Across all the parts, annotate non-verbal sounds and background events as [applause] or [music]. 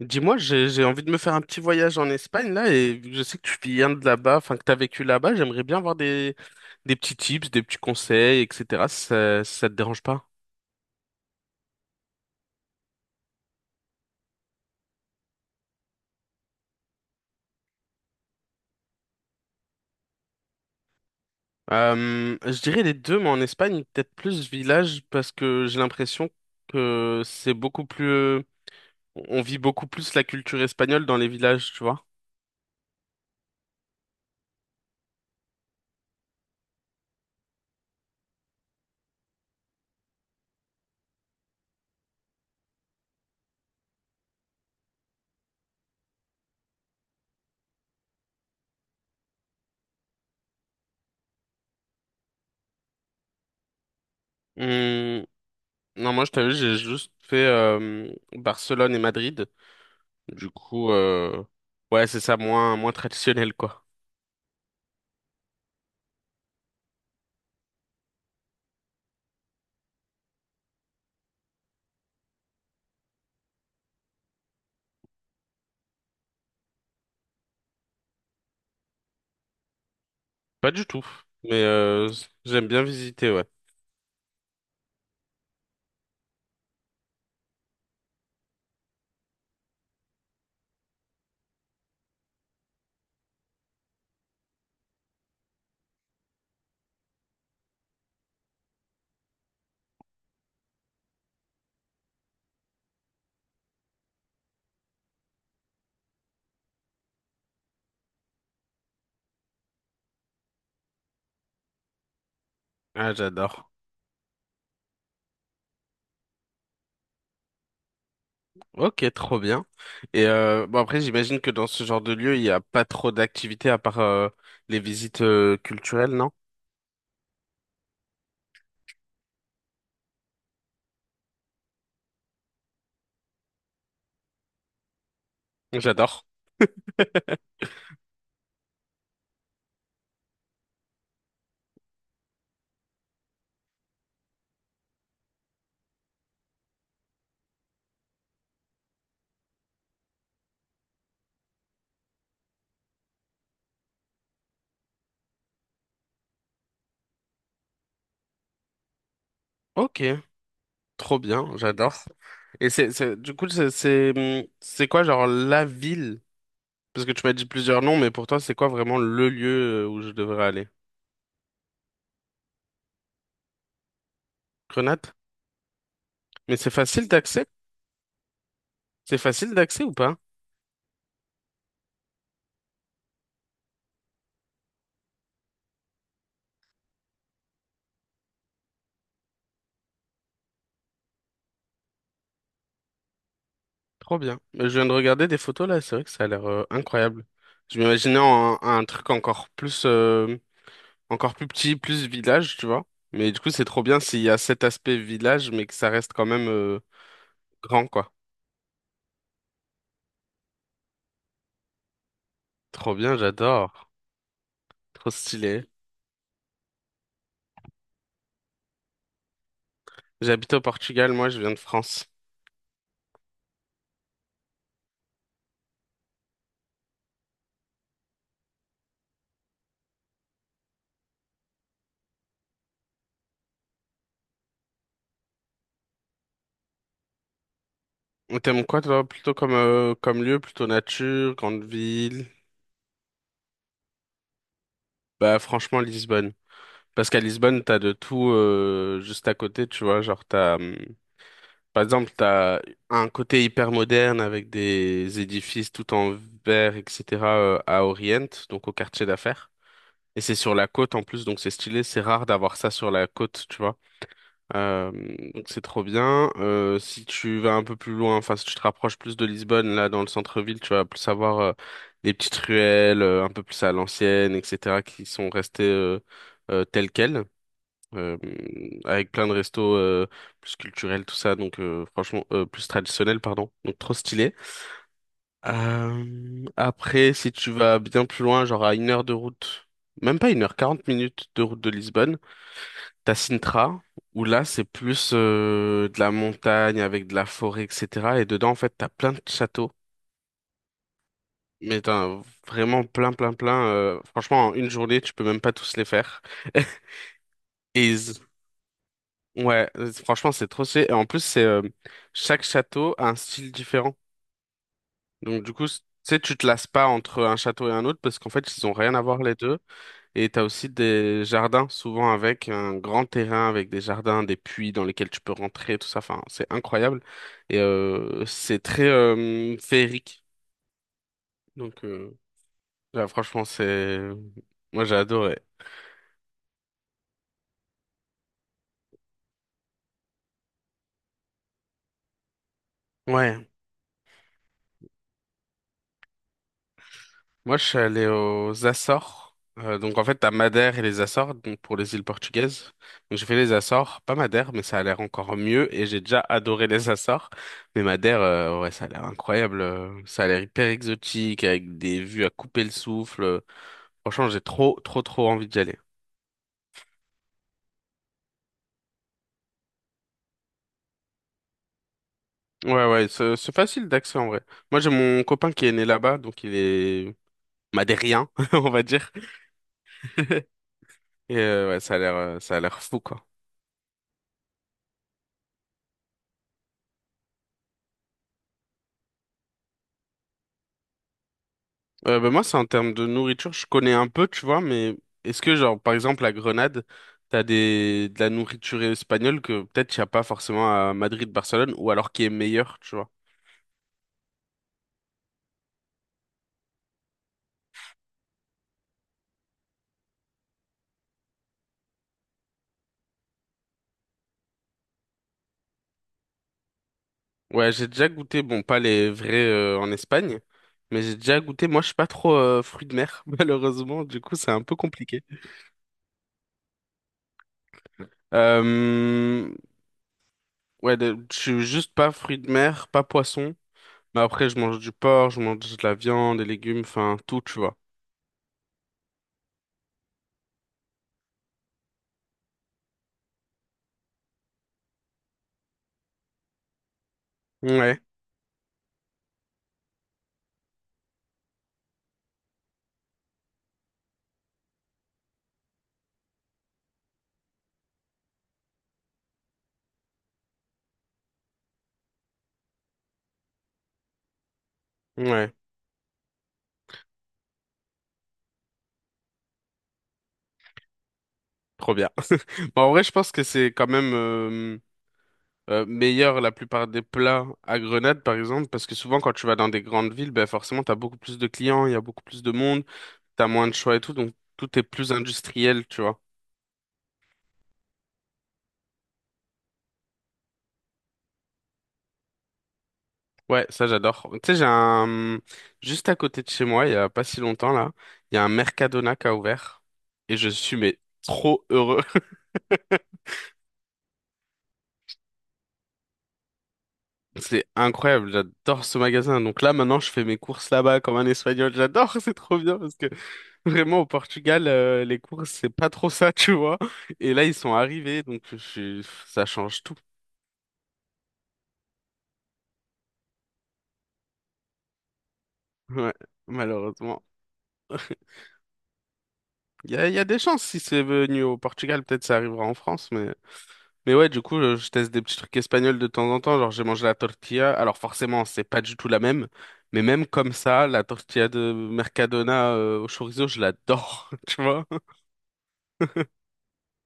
Dis-moi, j'ai envie de me faire un petit voyage en Espagne là et vu que je sais que tu viens de là-bas, enfin que t'as vécu là-bas, j'aimerais bien avoir des petits tips, des petits conseils, etc. Si ça te dérange pas? Je dirais les deux, mais en Espagne peut-être plus village parce que j'ai l'impression que c'est beaucoup plus, on vit beaucoup plus la culture espagnole dans les villages, tu vois. Hum, non, moi je t'avoue, j'ai juste fait Barcelone et Madrid. Du coup, ouais, c'est ça, moins traditionnel quoi. Pas du tout, mais j'aime bien visiter, ouais. Ah, j'adore. Ok, trop bien. Et bon après, j'imagine que dans ce genre de lieu, il n'y a pas trop d'activités à part les visites culturelles, non? J'adore. [laughs] Ok, trop bien, j'adore. Et c'est, du coup, c'est quoi, genre, la ville? Parce que tu m'as dit plusieurs noms, mais pour toi, c'est quoi vraiment le lieu où je devrais aller? Grenade? Mais c'est facile d'accès? C'est facile d'accès ou pas? Trop bien. Je viens de regarder des photos là, c'est vrai que ça a l'air incroyable. Je m'imaginais un truc encore plus petit, plus village, tu vois. Mais du coup, c'est trop bien s'il y a cet aspect village, mais que ça reste quand même grand, quoi. Trop bien, j'adore. Trop stylé. J'habite au Portugal, moi, je viens de France. T'aimes quoi, toi, plutôt comme, comme lieu, plutôt nature, grande ville? Bah, franchement, Lisbonne. Parce qu'à Lisbonne, t'as de tout juste à côté, tu vois. Genre, t'as. Par exemple, t'as un côté hyper moderne avec des édifices tout en verre, etc. À Orient, donc au quartier d'affaires. Et c'est sur la côte en plus, donc c'est stylé. C'est rare d'avoir ça sur la côte, tu vois. Euh, donc c'est trop bien. Si tu vas un peu plus loin, enfin si tu te rapproches plus de Lisbonne, là dans le centre-ville, tu vas plus avoir des petites ruelles un peu plus à l'ancienne, etc. qui sont restées telles quelles euh, avec plein de restos plus culturels, tout ça, donc franchement, plus traditionnels, pardon, donc trop stylé. Après, si tu vas bien plus loin, genre à 1 heure de route, même pas une heure, 40 minutes de route de Lisbonne, t'as Sintra, où là, c'est plus de la montagne avec de la forêt, etc. Et dedans, en fait, t'as plein de châteaux. Mais t'as vraiment plein, plein, plein. Franchement, en 1 journée, tu peux même pas tous les faire. [laughs] Et ils Ouais, franchement, c'est trop stylé. Et en plus, c'est chaque château a un style différent. Donc, du coup, tu sais, tu te lasses pas entre un château et un autre parce qu'en fait, ils ont rien à voir les deux. Et t'as aussi des jardins, souvent avec un grand terrain, avec des jardins, des puits dans lesquels tu peux rentrer, tout ça. Enfin, c'est incroyable. Et c'est très féerique. Donc franchement, c'est... Moi, j'ai adoré. Ouais. Moi, je suis allé aux Açores. Donc, en fait, t'as Madère et les Açores, donc pour les îles portugaises. Donc, j'ai fait les Açores, pas Madère, mais ça a l'air encore mieux. Et j'ai déjà adoré les Açores. Mais Madère, ouais, ça a l'air incroyable. Ça a l'air hyper exotique, avec des vues à couper le souffle. Franchement, j'ai trop, trop, trop envie d'y aller. Ouais, ouais, c'est facile d'accès en vrai. Moi, j'ai mon copain qui est né là-bas, donc il est madérien, [laughs] on va dire. [laughs] Et ouais, ça a l'air fou, quoi. Moi, c'est en termes de nourriture, je connais un peu, tu vois, mais est-ce que, genre, par exemple, à Grenade, t'as des... de la nourriture espagnole que peut-être il n'y a pas forcément à Madrid, Barcelone, ou alors qui est meilleure, tu vois? Ouais, j'ai déjà goûté, bon, pas les vrais en Espagne, mais j'ai déjà goûté, moi, je suis pas trop fruit de mer, [laughs] malheureusement, du coup, c'est un peu compliqué. Euh... Ouais, je suis juste pas fruits de mer, pas poisson, mais après, je mange du porc, je mange de la viande, des légumes, enfin, tout, tu vois. Ouais, ouais. Trop bien. [laughs] Bon, en vrai, je pense que c'est quand même meilleur la plupart des plats à Grenade, par exemple, parce que souvent quand tu vas dans des grandes villes, ben forcément, t'as beaucoup plus de clients, il y a beaucoup plus de monde, t'as moins de choix et tout, donc tout est plus industriel, tu vois. Ouais, ça j'adore. Tu sais, j'ai un... Juste à côté de chez moi, il y a pas si longtemps là, il y a un Mercadona qui a ouvert et je suis mais trop heureux. [laughs] C'est incroyable, j'adore ce magasin. Donc là, maintenant, je fais mes courses là-bas comme un Espagnol. J'adore, [laughs] c'est trop bien parce que vraiment au Portugal, les courses, c'est pas trop ça, [laughs] tu vois. Et là, ils sont arrivés, ça change tout. Ouais, malheureusement. Il y a des chances si c'est venu au Portugal, peut-être ça arrivera en France, mais ouais, je teste des petits trucs espagnols de temps en temps. Genre, j'ai mangé la tortilla. Alors forcément, c'est pas du tout la même. Mais même comme ça, la tortilla de Mercadona au chorizo, je l'adore, [laughs] tu vois.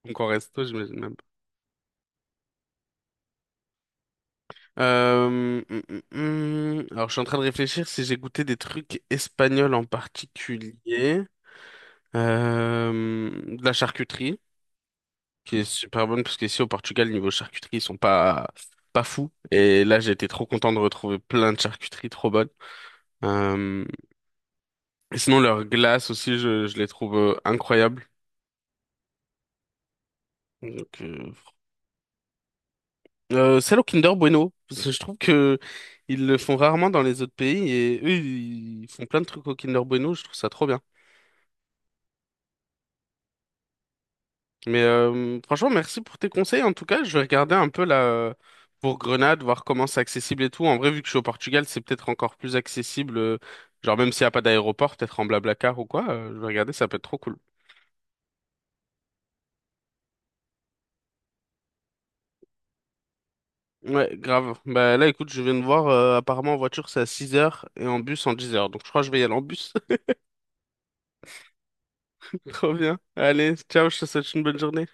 Donc en resto, j'imagine même pas. Euh, hum, hum, Alors je suis en train de réfléchir si j'ai goûté des trucs espagnols en particulier. Euh, de la charcuterie, qui est super bonne, parce qu'ici au Portugal, niveau charcuterie, ils sont pas, pas fous. Et là, j'ai été trop content de retrouver plein de charcuteries trop bonnes. Euh, et sinon, leurs glaces aussi, je les trouve incroyables. Donc, euh, celle au Kinder Bueno, parce que je trouve que ils le font rarement dans les autres pays et eux ils font plein de trucs au Kinder Bueno, je trouve ça trop bien. Mais franchement, merci pour tes conseils. En tout cas, je vais regarder un peu là pour Grenade, voir comment c'est accessible et tout. En vrai, vu que je suis au Portugal, c'est peut-être encore plus accessible. Genre même s'il n'y a pas d'aéroport, peut-être en Blablacar ou quoi. Je vais regarder, ça peut être trop cool. Ouais, grave. Bah là, écoute, je viens de voir. Apparemment, en voiture c'est à 6 heures et en bus en 10 heures. Donc je crois que je vais y aller en bus. [laughs] Trop bien. Allez, ciao. Je te souhaite une bonne journée.